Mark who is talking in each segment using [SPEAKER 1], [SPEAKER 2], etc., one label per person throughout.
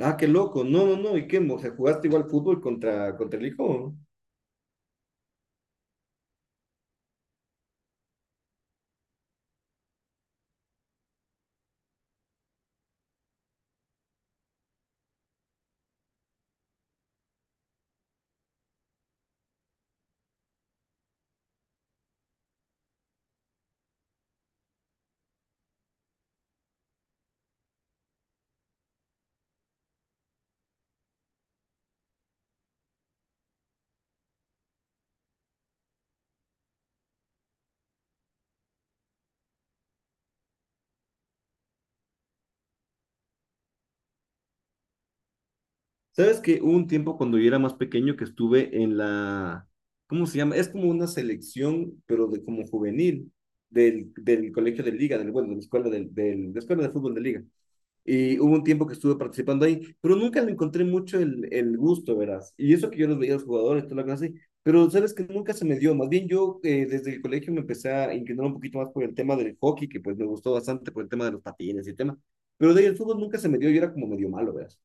[SPEAKER 1] Ah, qué loco. No, no, no. ¿Y qué? O sea, ¿jugaste igual fútbol contra, contra el hijo? ¿Sabes que hubo un tiempo cuando yo era más pequeño que estuve en la, ¿cómo se llama? Es como una selección, pero de como juvenil, del colegio de liga, del, bueno, de la escuela del de la escuela de fútbol de liga. Y hubo un tiempo que estuve participando ahí, pero nunca le encontré mucho el gusto, verás. Y eso que yo los veía a los jugadores, toda la cosa así, pero sabes que nunca se me dio. Más bien yo desde el colegio me empecé a inclinar un poquito más por el tema del hockey, que pues me gustó bastante por el tema de los patines y el tema. Pero de ahí el fútbol nunca se me dio, yo era como medio malo, verás.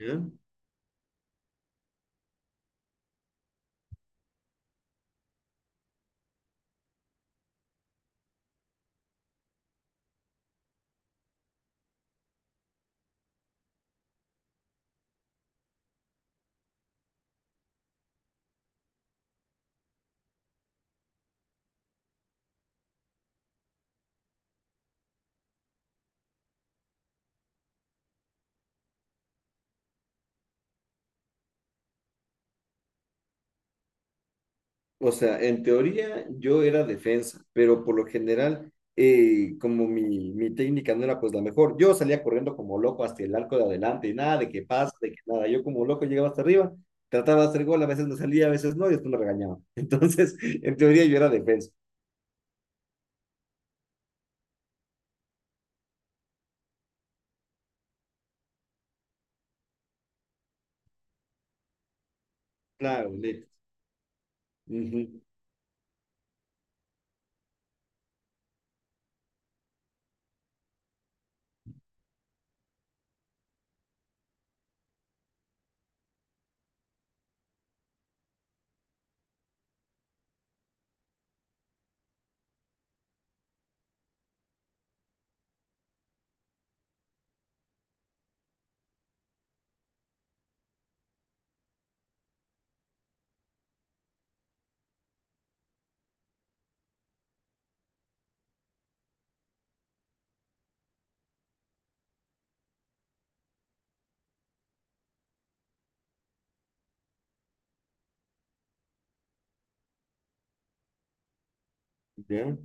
[SPEAKER 1] O sea, en teoría yo era defensa, pero por lo general, como mi técnica no era pues la mejor, yo salía corriendo como loco hasta el arco de adelante y nada de que pase, de que nada. Yo como loco llegaba hasta arriba, trataba de hacer gol, a veces no salía, a veces no, y después me regañaba. Entonces, en teoría yo era defensa. Claro, listo. Ujú, ya.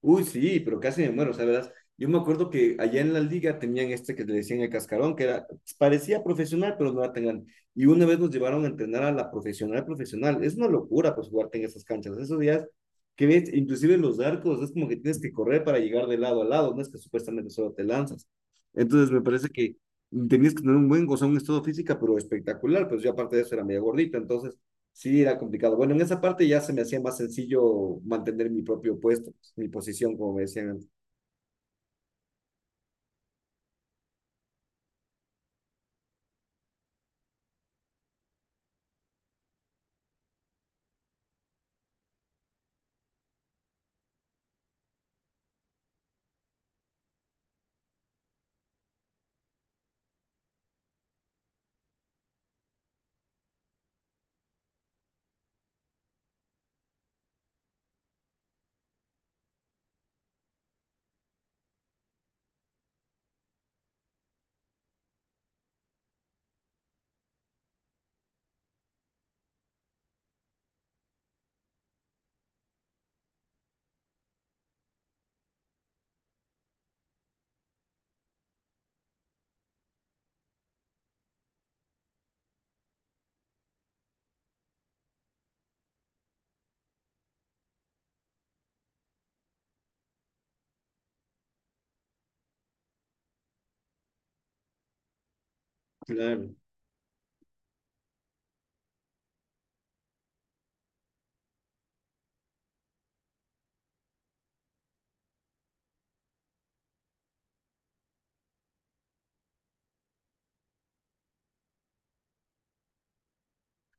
[SPEAKER 1] Uy, sí, pero casi me muero, o sea, verás, yo me acuerdo que allá en la liga tenían este que le decían el cascarón, que era, parecía profesional, pero no era tan grande. Y una vez nos llevaron a entrenar a la profesional profesional. Es una locura, pues, jugarte en esas canchas. Esos días que ves, inclusive los arcos, es como que tienes que correr para llegar de lado a lado, no es que supuestamente solo te lanzas. Entonces, me parece que tenías que tener un buen, o sea, un estado física, pero espectacular, pues yo aparte de eso era medio gordita, entonces sí, era complicado. Bueno, en esa parte ya se me hacía más sencillo mantener mi propio puesto, mi posición, como me decían antes. Claro.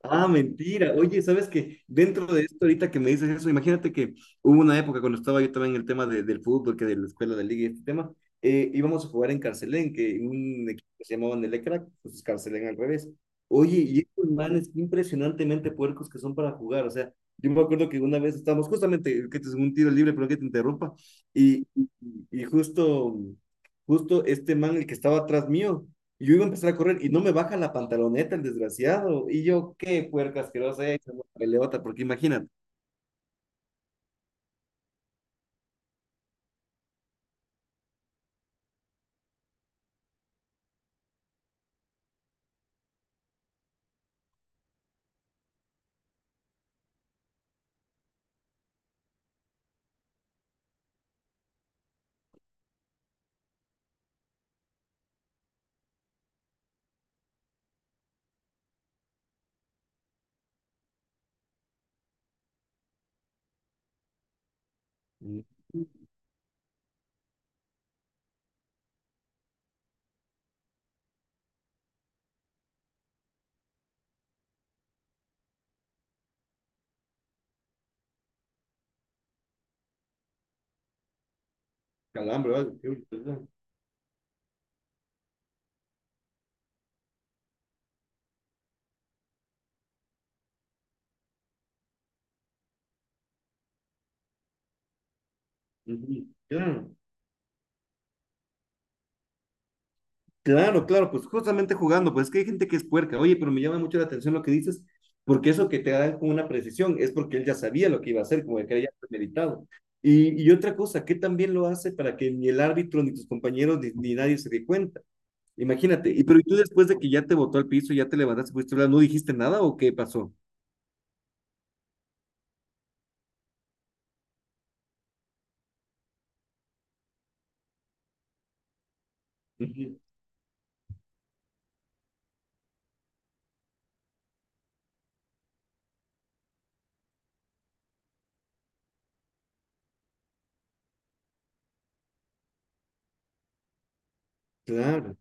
[SPEAKER 1] Ah, mentira. Oye, ¿sabes qué? Dentro de esto, ahorita que me dices eso, imagínate que hubo una época cuando estaba yo también en el tema del fútbol, que de la escuela de liga y este tema, íbamos a jugar en Carcelén, que un equipo que se llamaba Nelecrac, pues es Carcelén al revés. Oye, y estos manes impresionantemente puercos que son para jugar. O sea, yo me acuerdo que una vez estábamos justamente, que te un tiro libre, pero que te interrumpa, y, y, y justo, justo este man, el que estaba atrás mío y yo iba a empezar a correr y no me baja la pantaloneta el desgraciado. Y yo, qué puerca asquerosa es, una peleota, porque imagínate, un calambre, ¿vale? Qué brutalidad. Ujú. Claro, claro, claro, pues justamente jugando, pues es que hay gente que es puerca. Oye, pero me llama mucho la atención lo que dices, porque eso que te dan con una precisión es porque él ya sabía lo que iba a hacer, como que era ya premeditado. Y otra cosa, que también lo hace para que ni el árbitro, ni tus compañeros, ni nadie se dé cuenta. Imagínate, y pero ¿y tú después de que ya te botó al piso, ya te levantaste, fuiste a hablar, no dijiste nada o qué pasó? Ujú. Claro.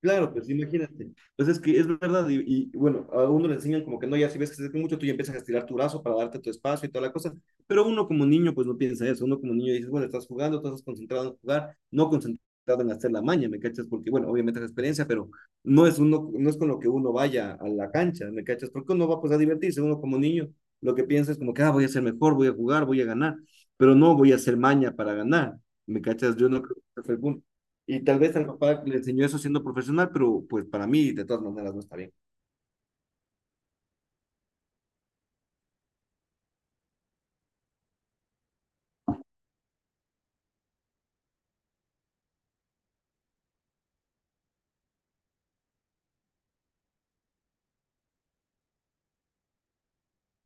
[SPEAKER 1] Claro, pues imagínate. Pues es que es verdad, bueno, a uno le enseñan como que no, ya si ves que se acerca mucho, tú ya empiezas a estirar tu brazo para darte tu espacio y toda la cosa, pero uno como niño pues no piensa eso, uno como niño dices, bueno, estás jugando, tú estás concentrado en jugar, no concentrado en hacer la maña, ¿me cachas? Porque bueno, obviamente es experiencia, pero no es, uno, no es con lo que uno vaya a la cancha, ¿me cachas? Porque uno va pues a divertirse, uno como niño lo que piensa es como que, ah, voy a ser mejor, voy a jugar, voy a ganar, pero no voy a hacer maña para ganar, ¿me cachas? Yo no creo que ese fue el punto. Y tal vez al papá le enseñó eso siendo profesional, pero pues para mí de todas maneras no está bien.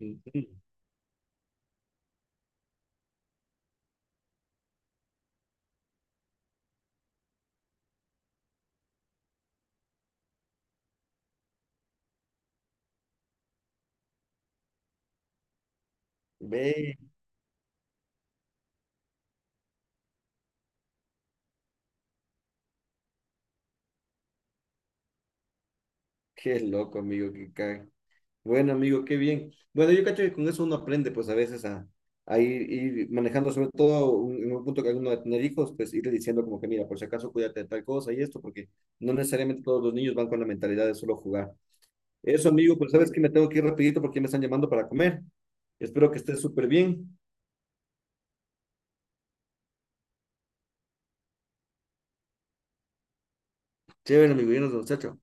[SPEAKER 1] Ujú. Ve, qué loco, amigo, que cae. Bueno, amigo, qué bien. Bueno, yo cacho que con eso uno aprende pues a veces a, a ir manejando, sobre todo en un punto que alguno de tener hijos, pues irle diciendo como que mira, por si acaso cuídate de tal cosa y esto, porque no necesariamente todos los niños van con la mentalidad de solo jugar. Eso, amigo, pues sabes que me tengo que ir rapidito porque me están llamando para comer. Espero que estés súper bien. Chévere, amigo, y nos vemos, chao, chao.